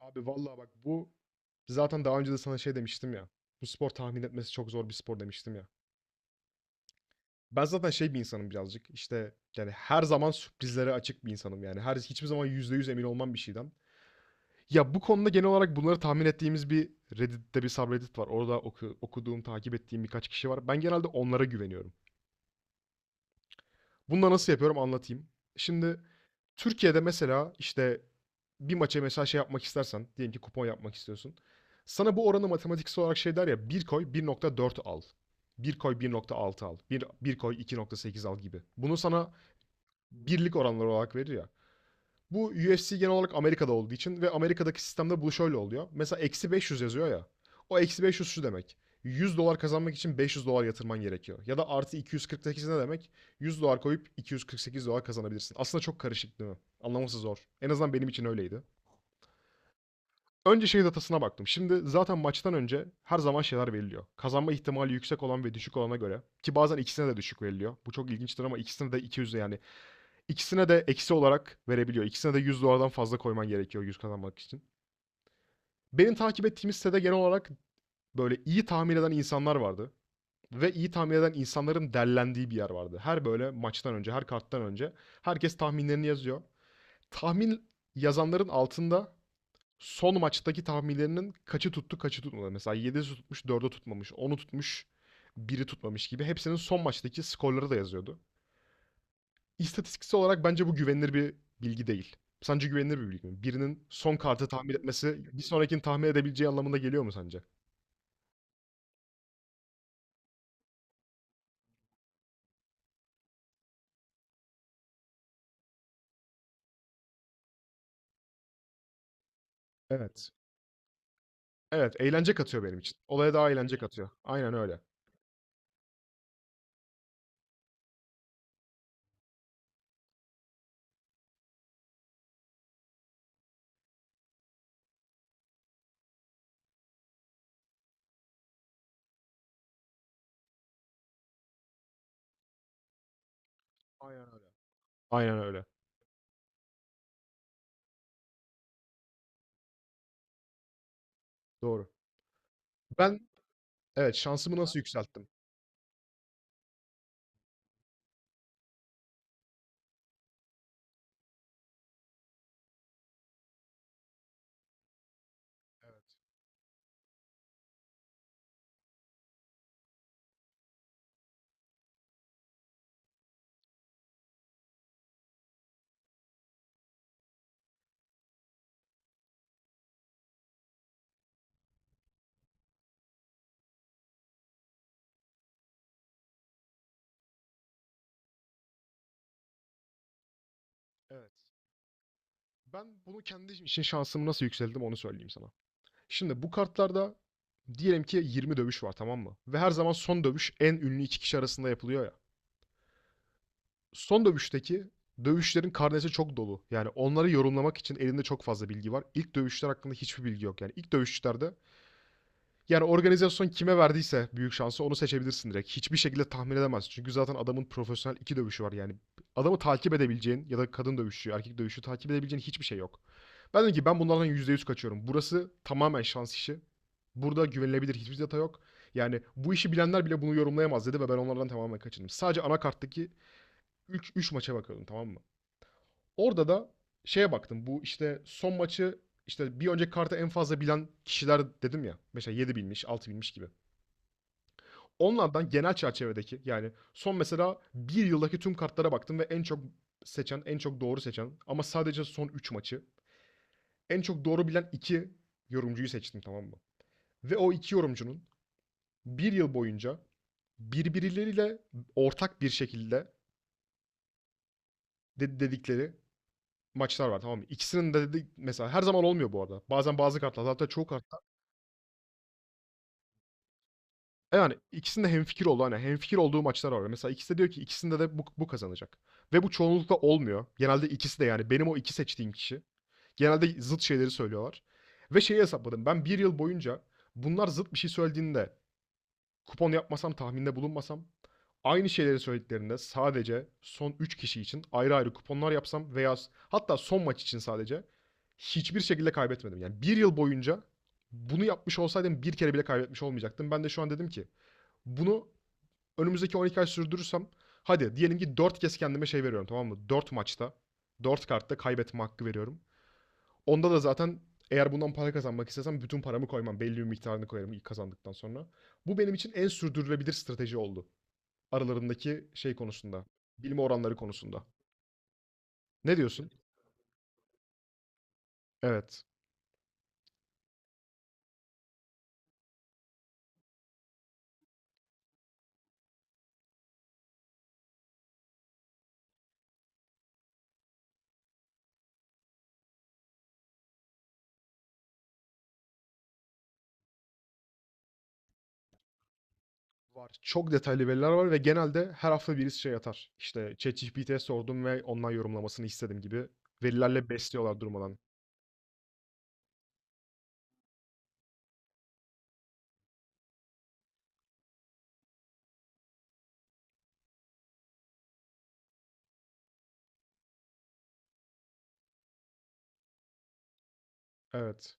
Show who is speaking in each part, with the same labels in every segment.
Speaker 1: Abi vallahi bak bu zaten daha önce de sana şey demiştim ya. Bu spor tahmin etmesi çok zor bir spor demiştim ya. Ben zaten şey bir insanım birazcık. İşte yani her zaman sürprizlere açık bir insanım yani. Hiçbir zaman %100 emin olmam bir şeyden. Ya bu konuda genel olarak bunları tahmin ettiğimiz bir Reddit'te bir subreddit var. Orada okuduğum, takip ettiğim birkaç kişi var. Ben genelde onlara güveniyorum. Bunu da nasıl yapıyorum anlatayım. Şimdi Türkiye'de mesela işte bir maça mesela şey yapmak istersen, diyelim ki kupon yapmak istiyorsun. Sana bu oranı matematiksel olarak şey der ya, bir koy 1,4 al. Bir koy 1,6 al. Bir koy 2,8 al gibi. Bunu sana birlik oranları olarak verir ya. Bu UFC genel olarak Amerika'da olduğu için ve Amerika'daki sistemde bu şöyle oluyor. Mesela eksi 500 yazıyor ya. O eksi 500 şu demek. 100 dolar kazanmak için 500 dolar yatırman gerekiyor. Ya da artı 248 ne demek? 100 dolar koyup 248 dolar kazanabilirsin. Aslında çok karışık, değil mi? Anlaması zor. En azından benim için öyleydi. Önce şey datasına baktım. Şimdi zaten maçtan önce her zaman şeyler veriliyor. Kazanma ihtimali yüksek olan ve düşük olana göre. Ki bazen ikisine de düşük veriliyor. Bu çok ilginçtir ama ikisine de 200 yani İkisine de eksi olarak verebiliyor. İkisine de 100 dolardan fazla koyman gerekiyor 100 kazanmak için. Benim takip ettiğim sitede genel olarak böyle iyi tahmin eden insanlar vardı. Ve iyi tahmin eden insanların derlendiği bir yer vardı. Her böyle maçtan önce, her karttan önce herkes tahminlerini yazıyor. Tahmin yazanların altında son maçtaki tahminlerinin kaçı tuttu, kaçı tutmadı. Mesela 7'si tutmuş, 4'ü tutmamış, onu tutmuş, biri tutmamış gibi. Hepsinin son maçtaki skorları da yazıyordu. İstatistiksel olarak bence bu güvenilir bir bilgi değil. Sence güvenilir bir bilgi mi? Birinin son kartı tahmin etmesi bir sonrakini tahmin edebileceği anlamına geliyor mu sence? Evet. Evet, eğlence katıyor benim için. Olaya daha eğlence katıyor. Aynen öyle. Aynen öyle. Aynen öyle. Doğru. Ben evet, şansımı nasıl yükselttim? Evet. Ben bunu kendi için şansımı nasıl yükselttim onu söyleyeyim sana. Şimdi bu kartlarda diyelim ki 20 dövüş var, tamam mı? Ve her zaman son dövüş en ünlü iki kişi arasında yapılıyor ya. Son dövüşteki dövüşlerin karnesi çok dolu. Yani onları yorumlamak için elinde çok fazla bilgi var. İlk dövüşler hakkında hiçbir bilgi yok. Yani ilk dövüşçülerde yani organizasyon kime verdiyse büyük şansı onu seçebilirsin direkt. Hiçbir şekilde tahmin edemezsin. Çünkü zaten adamın profesyonel iki dövüşü var. Yani adamı takip edebileceğin ya da kadın dövüşü, erkek dövüşü takip edebileceğin hiçbir şey yok. Ben dedim ki ben bunlardan %100 kaçıyorum. Burası tamamen şans işi. Burada güvenilebilir hiçbir data yok. Yani bu işi bilenler bile bunu yorumlayamaz dedi ve ben onlardan tamamen kaçındım. Sadece anakarttaki 3 maça bakıyordum, tamam mı? Orada da şeye baktım. Bu işte son maçı işte bir önceki kartı en fazla bilen kişiler dedim ya. Mesela 7 bilmiş, 6 bilmiş gibi. Onlardan genel çerçevedeki yani son mesela bir yıldaki tüm kartlara baktım ve en çok seçen, en çok doğru seçen ama sadece son 3 maçı en çok doğru bilen 2 yorumcuyu seçtim, tamam mı? Ve o iki yorumcunun bir yıl boyunca birbirleriyle ortak bir şekilde dedikleri maçlar var, tamam mı? İkisinin de de mesela her zaman olmuyor bu arada. Bazen bazı kartlar, hatta çoğu kartlar. Yani ikisinde hemfikir oldu. Hani hemfikir olduğu maçlar var. Mesela ikisi de diyor ki ikisinde de bu kazanacak. Ve bu çoğunlukla olmuyor. Genelde ikisi de yani benim o iki seçtiğim kişi. Genelde zıt şeyleri söylüyorlar. Ve şeyi hesapladım. Ben bir yıl boyunca bunlar zıt bir şey söylediğinde kupon yapmasam, tahminde bulunmasam, aynı şeyleri söylediklerinde sadece son 3 kişi için ayrı ayrı kuponlar yapsam veya hatta son maç için sadece hiçbir şekilde kaybetmedim. Yani bir yıl boyunca bunu yapmış olsaydım bir kere bile kaybetmiş olmayacaktım. Ben de şu an dedim ki bunu önümüzdeki 12 ay sürdürürsem hadi diyelim ki 4 kez kendime şey veriyorum, tamam mı? 4 maçta 4 kartta kaybetme hakkı veriyorum. Onda da zaten eğer bundan para kazanmak istesem bütün paramı koymam. Belli bir miktarını koyarım ilk kazandıktan sonra. Bu benim için en sürdürülebilir strateji oldu. Aralarındaki şey konusunda. Bilme oranları konusunda. Ne diyorsun? Evet. Var. Çok detaylı veriler var ve genelde her hafta birisi şey atar. İşte ChatGPT'ye sordum ve ondan yorumlamasını istedim gibi. Verilerle besliyorlar durmadan. Evet.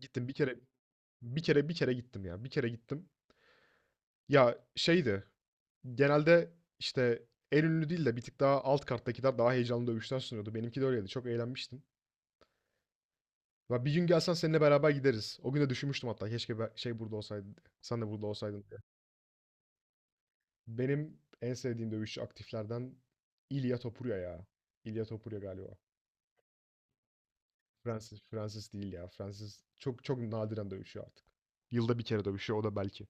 Speaker 1: Gittim bir kere gittim ya. Bir kere gittim. Ya şeydi. Genelde, işte, en ünlü değil de bir tık daha alt karttakiler daha heyecanlı dövüşler sunuyordu. Benimki de öyleydi. Çok eğlenmiştim. Ya, bir gün gelsen seninle beraber gideriz. O gün de düşünmüştüm hatta keşke be şey burada olsaydı diye, sen de burada olsaydın diye. Benim en sevdiğim dövüşçü aktiflerden İlya Topuria ya. İlya Topuria galiba. Francis değil ya. Francis çok çok nadiren dövüşüyor artık. Yılda bir kere dövüşüyor o da belki.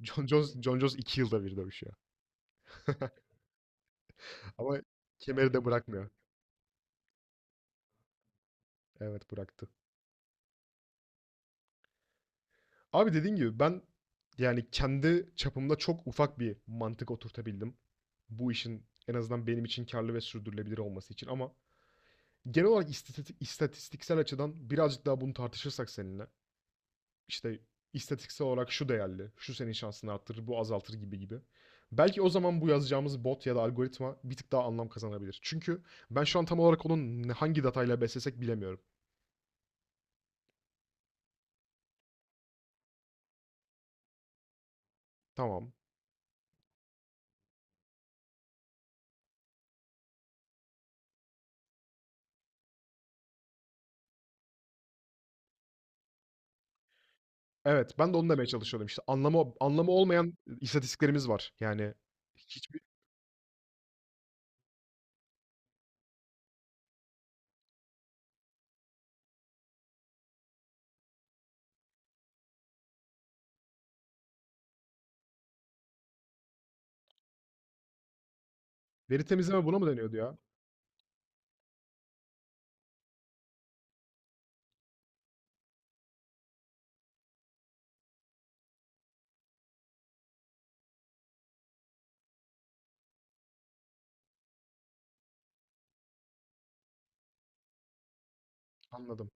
Speaker 1: John Jones Jon Jones 2 yılda bir dövüşüyor. Ama kemeri de bırakmıyor. Evet, bıraktı. Abi dediğin gibi ben yani kendi çapımda çok ufak bir mantık oturtabildim. Bu işin en azından benim için karlı ve sürdürülebilir olması için ama genel olarak istatistik, istatistiksel açıdan birazcık daha bunu tartışırsak seninle işte istatistiksel olarak şu değerli, şu senin şansını arttırır, bu azaltır gibi gibi. Belki o zaman bu yazacağımız bot ya da algoritma bir tık daha anlam kazanabilir. Çünkü ben şu an tam olarak onun hangi datayla beslesek bilemiyorum. Tamam. Evet, ben de onu demeye çalışıyordum. İşte anlamı olmayan istatistiklerimiz var. Yani hiçbir veri temizleme buna mı deniyordu ya? Anladım.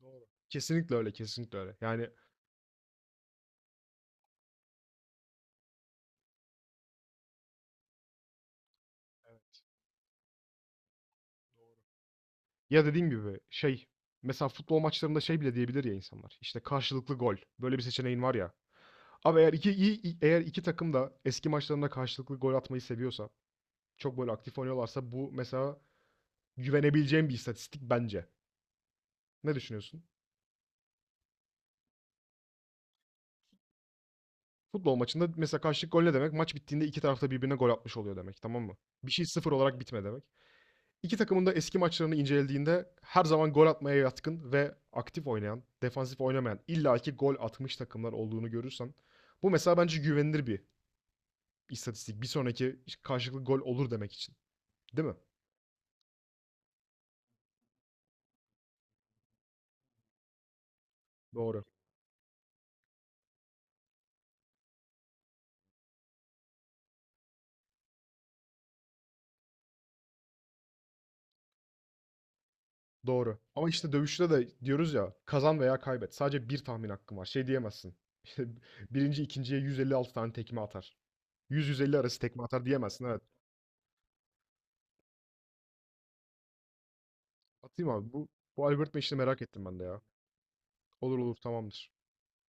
Speaker 1: Doğru. Kesinlikle öyle, kesinlikle öyle. Yani evet. Ya dediğim gibi şey mesela futbol maçlarında şey bile diyebilir ya insanlar. İşte karşılıklı gol. Böyle bir seçeneğin var ya. Abi eğer iki takım da eski maçlarında karşılıklı gol atmayı seviyorsa, çok böyle aktif oynuyorlarsa bu mesela güvenebileceğim bir istatistik bence. Ne düşünüyorsun? Futbol maçında mesela karşılık gol ne demek? Maç bittiğinde iki tarafta birbirine gol atmış oluyor demek, tamam mı? Bir şey sıfır olarak bitme demek. İki takımın da eski maçlarını incelediğinde her zaman gol atmaya yatkın ve aktif oynayan, defansif oynamayan, illaki gol atmış takımlar olduğunu görürsen bu mesela bence güvenilir bir istatistik. Bir sonraki karşılıklı gol olur demek için, değil mi? Doğru. Doğru. Ama işte dövüşte de diyoruz ya kazan veya kaybet. Sadece bir tahmin hakkın var. Şey diyemezsin. Birinci ikinciye 156 tane tekme atar. 100-150 arası tekme atar diyemezsin, evet. Atayım abi. Bu algoritma işini merak ettim ben de ya. Olur olur tamamdır.